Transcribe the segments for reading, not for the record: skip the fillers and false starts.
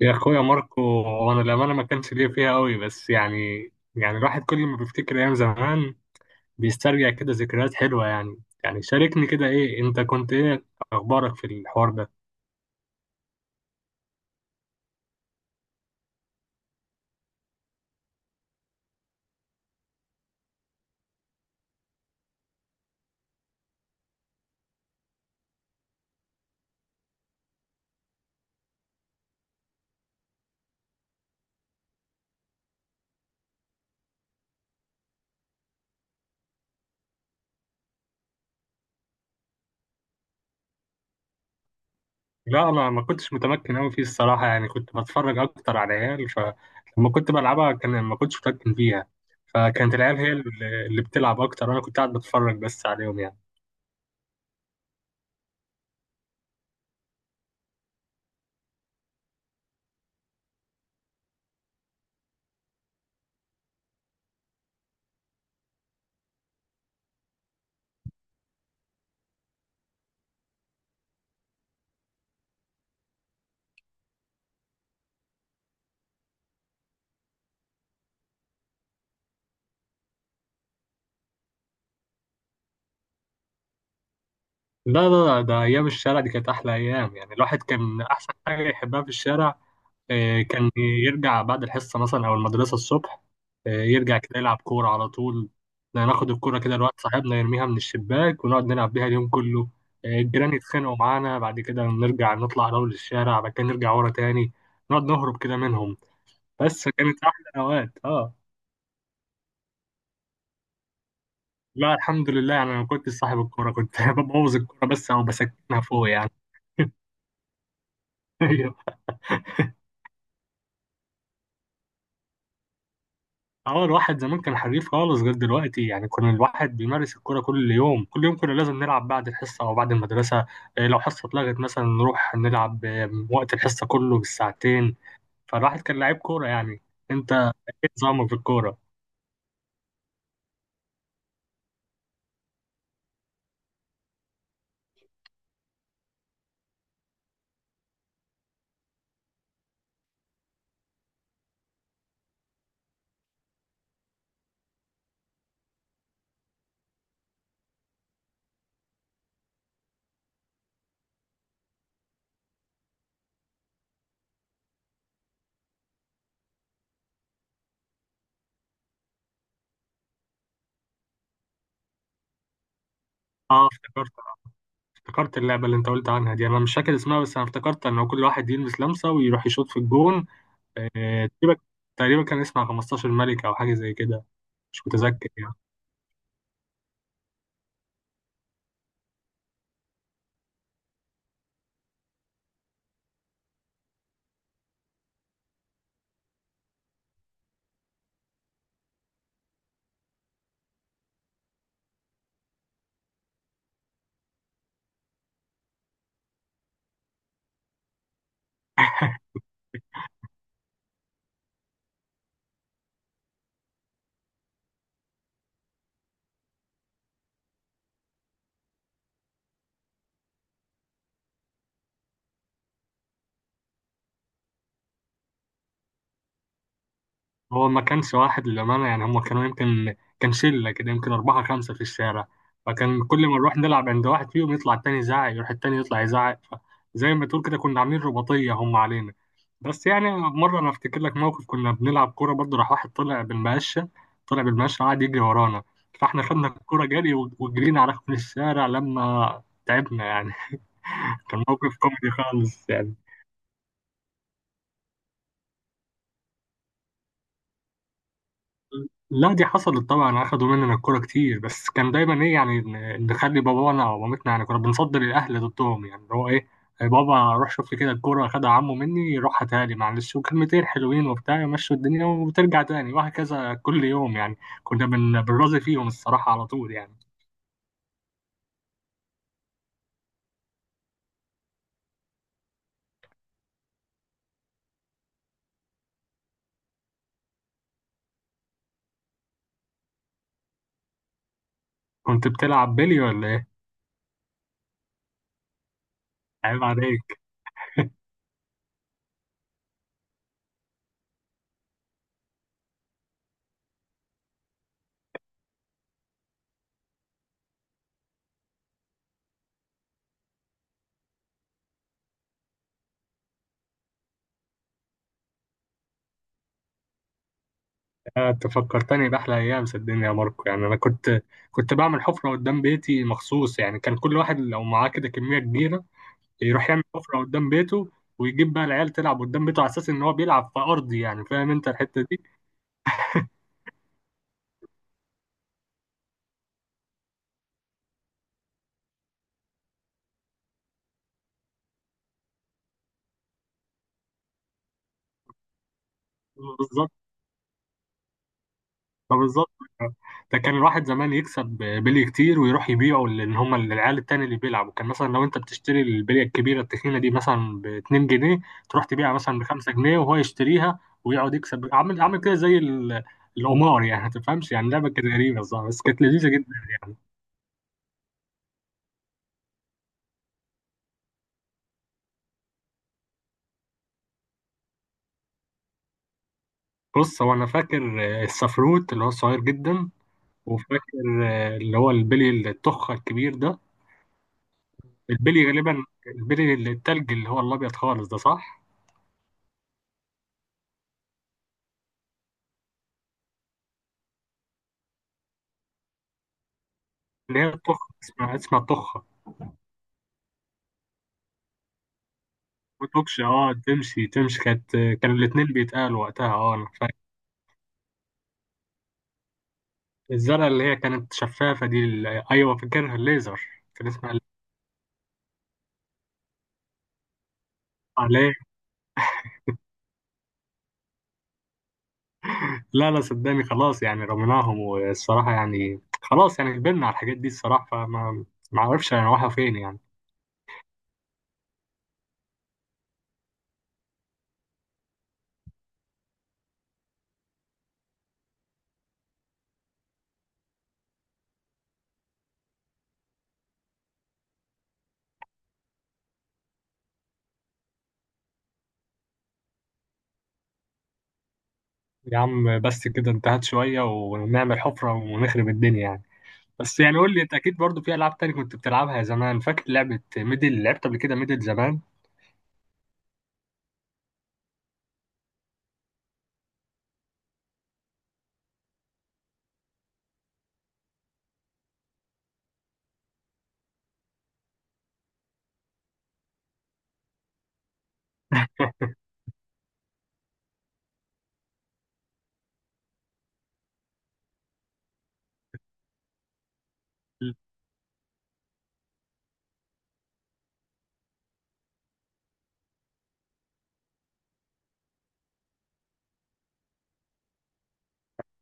يا اخويا ماركو، وانا الامانه ما كانش ليا فيها قوي، بس يعني الواحد كل ما بيفتكر ايام زمان بيسترجع كده ذكريات حلوه. يعني شاركني كده، ايه انت كنت ايه اخبارك في الحوار ده؟ لا، انا ما كنتش متمكن قوي فيه الصراحه، يعني كنت بتفرج اكتر على العيال، فلما كنت بلعبها كان ما كنتش متمكن فيها. فكانت العيال هي اللي بتلعب اكتر، وانا كنت قاعد بتفرج بس عليهم يعني. لا لا لا، ده ايام الشارع دي كانت احلى ايام. يعني الواحد كان احسن حاجه يحبها في الشارع. كان يرجع بعد الحصة مثلا أو المدرسة الصبح. يرجع كده يلعب كورة على طول. ناخد الكورة كده لواحد صاحبنا، يرميها من الشباك ونقعد نلعب بيها اليوم كله. الجيران يتخانقوا معانا، بعد كده نرجع نطلع نروح للشارع، بعد كده نرجع ورا تاني، نقعد نهرب كده منهم. بس كانت أحلى أوقات لا، الحمد لله، يعني أنا ما كنتش صاحب الكورة، كنت ببوظ الكورة بس أو بسكنها فوق يعني. أيوه. اه الواحد زمان كان حريف خالص غير دلوقتي، يعني كان الواحد بيمارس الكرة كل يوم كل يوم، كنا لازم نلعب بعد الحصة أو بعد المدرسة. إيه لو حصة اتلغت مثلا نروح نلعب، وقت الحصة كله بالساعتين. فالواحد كان لعيب كورة يعني. انت ايه نظامك في الكورة؟ اه افتكرت. افتكرت اللعبة اللي انت قلت عنها دي، انا مش فاكر اسمها، بس انا افتكرت ان هو كل واحد يلمس لمسة ويروح يشوط في الجون. تقريبا. تقريبا كان اسمها 15 ملك او حاجة زي كده. مش متذكر يعني. هو ما كانش واحد للأمانة، يعني هم كانوا يمكن كان شلة كده، يمكن أربعة خمسة في الشارع. فكان كل ما نروح نلعب عند واحد فيهم يطلع التاني يزعق، يروح التاني يطلع يزعق. فزي ما تقول كده كنا عاملين رباطية هم علينا. بس يعني مرة أنا أفتكر لك موقف، كنا بنلعب كورة برضه، راح واحد طلع بالمقشة، طلع بالمقشة قعد يجري ورانا. فإحنا خدنا الكورة جري، وجرينا على ركن الشارع لما تعبنا يعني. كان موقف كوميدي خالص يعني. لا، دي حصلت طبعا، اخدوا مننا الكوره كتير، بس كان دايما ايه يعني، نخلي بابانا او مامتنا يعني، كنا بنفضل الاهل ضدهم، يعني اللي هو ايه، يا بابا روح شوف لي كده الكوره اخدها عمو مني، روح هاتها لي معلش، وكلمتين حلوين وبتاع يمشوا الدنيا، وترجع تاني، وهكذا كل يوم يعني. كنا بنراضي فيهم الصراحه على طول يعني. كنت بتلعب بيلي ولا ايه؟ عيب عليك. انت فكرتني باحلى ايام، صدقني يا ماركو، يعني انا كنت بعمل حفره قدام بيتي مخصوص، يعني كان كل واحد لو معاه كده كميه كبيره يروح يعمل حفرة قدام بيته، ويجيب بقى العيال تلعب قدام بيته على اساس ان هو بيلعب في ارضي يعني، فاهم انت الحتة دي. بالظبط. بالظبط. ده كان الواحد زمان يكسب بلي كتير ويروح يبيعه، لان هم العيال التاني اللي بيلعبوا كان مثلا لو انت بتشتري البلية الكبيرة التخينة دي مثلا ب 2 جنيه، تروح تبيعها مثلا ب 5 جنيه، وهو يشتريها ويقعد يكسب، عامل كده زي القمار يعني، ما تفهمش يعني، لعبة كانت غريبة صح، بس كانت لذيذة جدا يعني. بص، هو انا فاكر السفروت اللي هو صغير جدا، وفاكر اللي هو البلي التخة الكبير ده. البلي غالبا البلي اللي التلج اللي هو الأبيض خالص ده، صح؟ اللي هي التخة، اسمها التخة. وتوكش، تمشي كانت، كانوا الاتنين بيتقالوا وقتها، أنا فاكر. الزرقاء اللي هي كانت شفافة دي ال-، أيوه فاكرها، الليزر، كان اسمها الليزر عليه. لا لا، صدقني خلاص يعني، رميناهم، والصراحة يعني خلاص يعني كبرنا على الحاجات دي الصراحة، فما ما أعرفش أنا رايحة فين يعني. يا عم بس كده انتهت شوية، ونعمل حفرة ونخرب الدنيا يعني. بس يعني قول لي، انت اكيد برضو في العاب تاني كنت بتلعبها زمان، فاكر لعبه ميدل؟ لعبت قبل كده ميدل زمان؟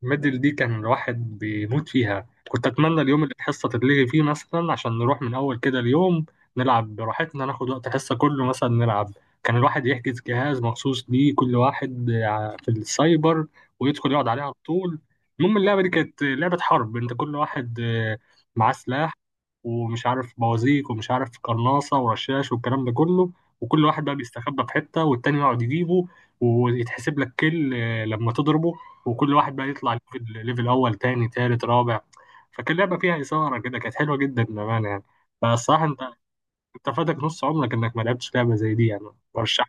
الميدل دي كان الواحد بيموت فيها، كنت اتمنى اليوم اللي الحصه تتلغي فيه مثلا عشان نروح من اول كده اليوم، نلعب براحتنا، ناخد وقت الحصه كله مثلا نلعب. كان الواحد يحجز جهاز مخصوص ليه كل واحد في السايبر، ويدخل يقعد عليه على طول. المهم اللعبه دي كانت لعبه حرب، انت كل واحد معاه سلاح، ومش عارف بوازيك ومش عارف قرناصه ورشاش والكلام ده كله، وكل واحد بقى بيستخبى في حته والتاني يقعد يجيبه، ويتحسب لك كل لما تضربه، وكل واحد بقى يطلع ليفل اول تاني تالت رابع. فكان لعبه فيها اثاره كده، كانت حلوه جدا بامانه يعني. فالصراحه انت فاتك نص عمرك انك ما لعبتش لعبه زي دي يعني. برشح.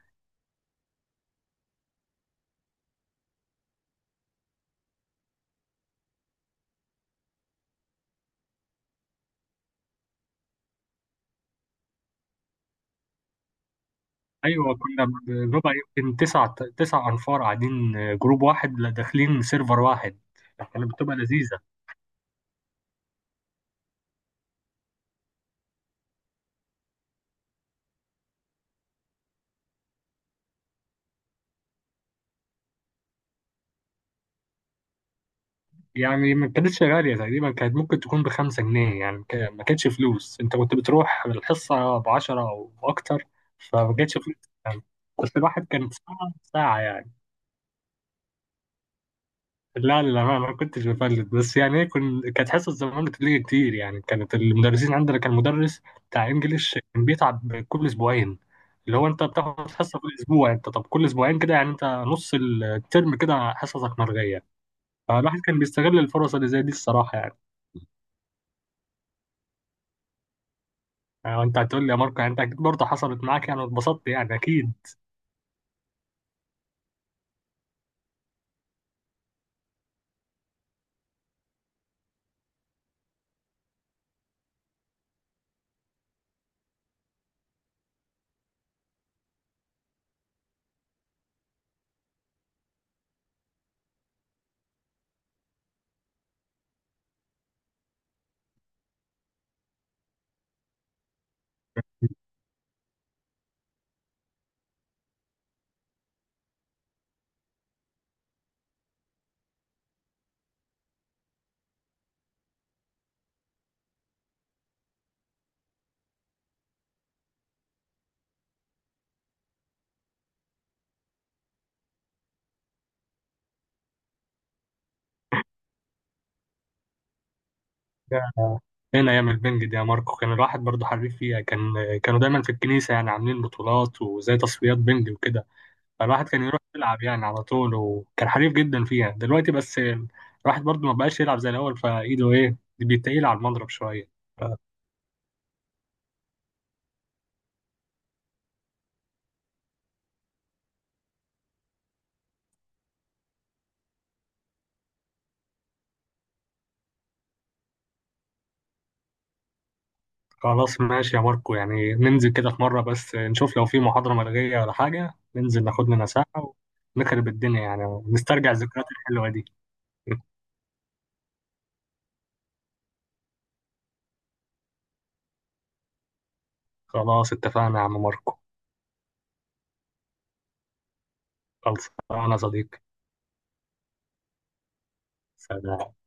ايوه، كنا بنبقى يمكن تسع انفار قاعدين جروب واحد، لا داخلين سيرفر واحد، كانت بتبقى لذيذه. يعني ما كانتش غاليه، تقريبا كانت ممكن تكون بخمسة جنيه يعني، ما كانتش فلوس، انت كنت بتروح الحصه بعشرة او اكتر، فما كانتش فلوس يعني. بس الواحد كانت ساعه ساعه يعني. لا، للأمانة ما كنتش بفلت، بس يعني ايه، كنت، كانت حصة زمان بتليجي كتير يعني، كانت المدرسين عندنا كان مدرس بتاع انجليش كان بيتعب كل اسبوعين، اللي هو انت بتاخد حصة كل اسبوع، انت طب كل اسبوعين كده يعني انت نص الترم كده حصصك مرغية. فالواحد كان بيستغل الفرص اللي زي دي الصراحة يعني. يعني انت هتقول لي يا ماركو، يعني انت اكيد برضه حصلت معاك يعني واتبسطت يعني اكيد. هنا ايام البنج دي يا ماركو كان الواحد برضه حريف فيها، كان كانوا دايما في الكنيسة يعني عاملين بطولات وزي تصفيات بنج وكده. فالواحد كان يروح يلعب يعني على طول، وكان حريف جدا فيها دلوقتي، بس الواحد برضه ما بقاش يلعب زي الأول، فإيده إيه بيتقيل على المضرب شوية. خلاص ماشي يا ماركو، يعني ننزل كده في مرة بس، نشوف لو في محاضرة ملغية ولا حاجة، ننزل ناخد لنا ساعة ونخرب الدنيا، يعني نسترجع الذكريات الحلوة دي. خلاص اتفقنا يا عم ماركو. خلص أنا صديقي. سلام.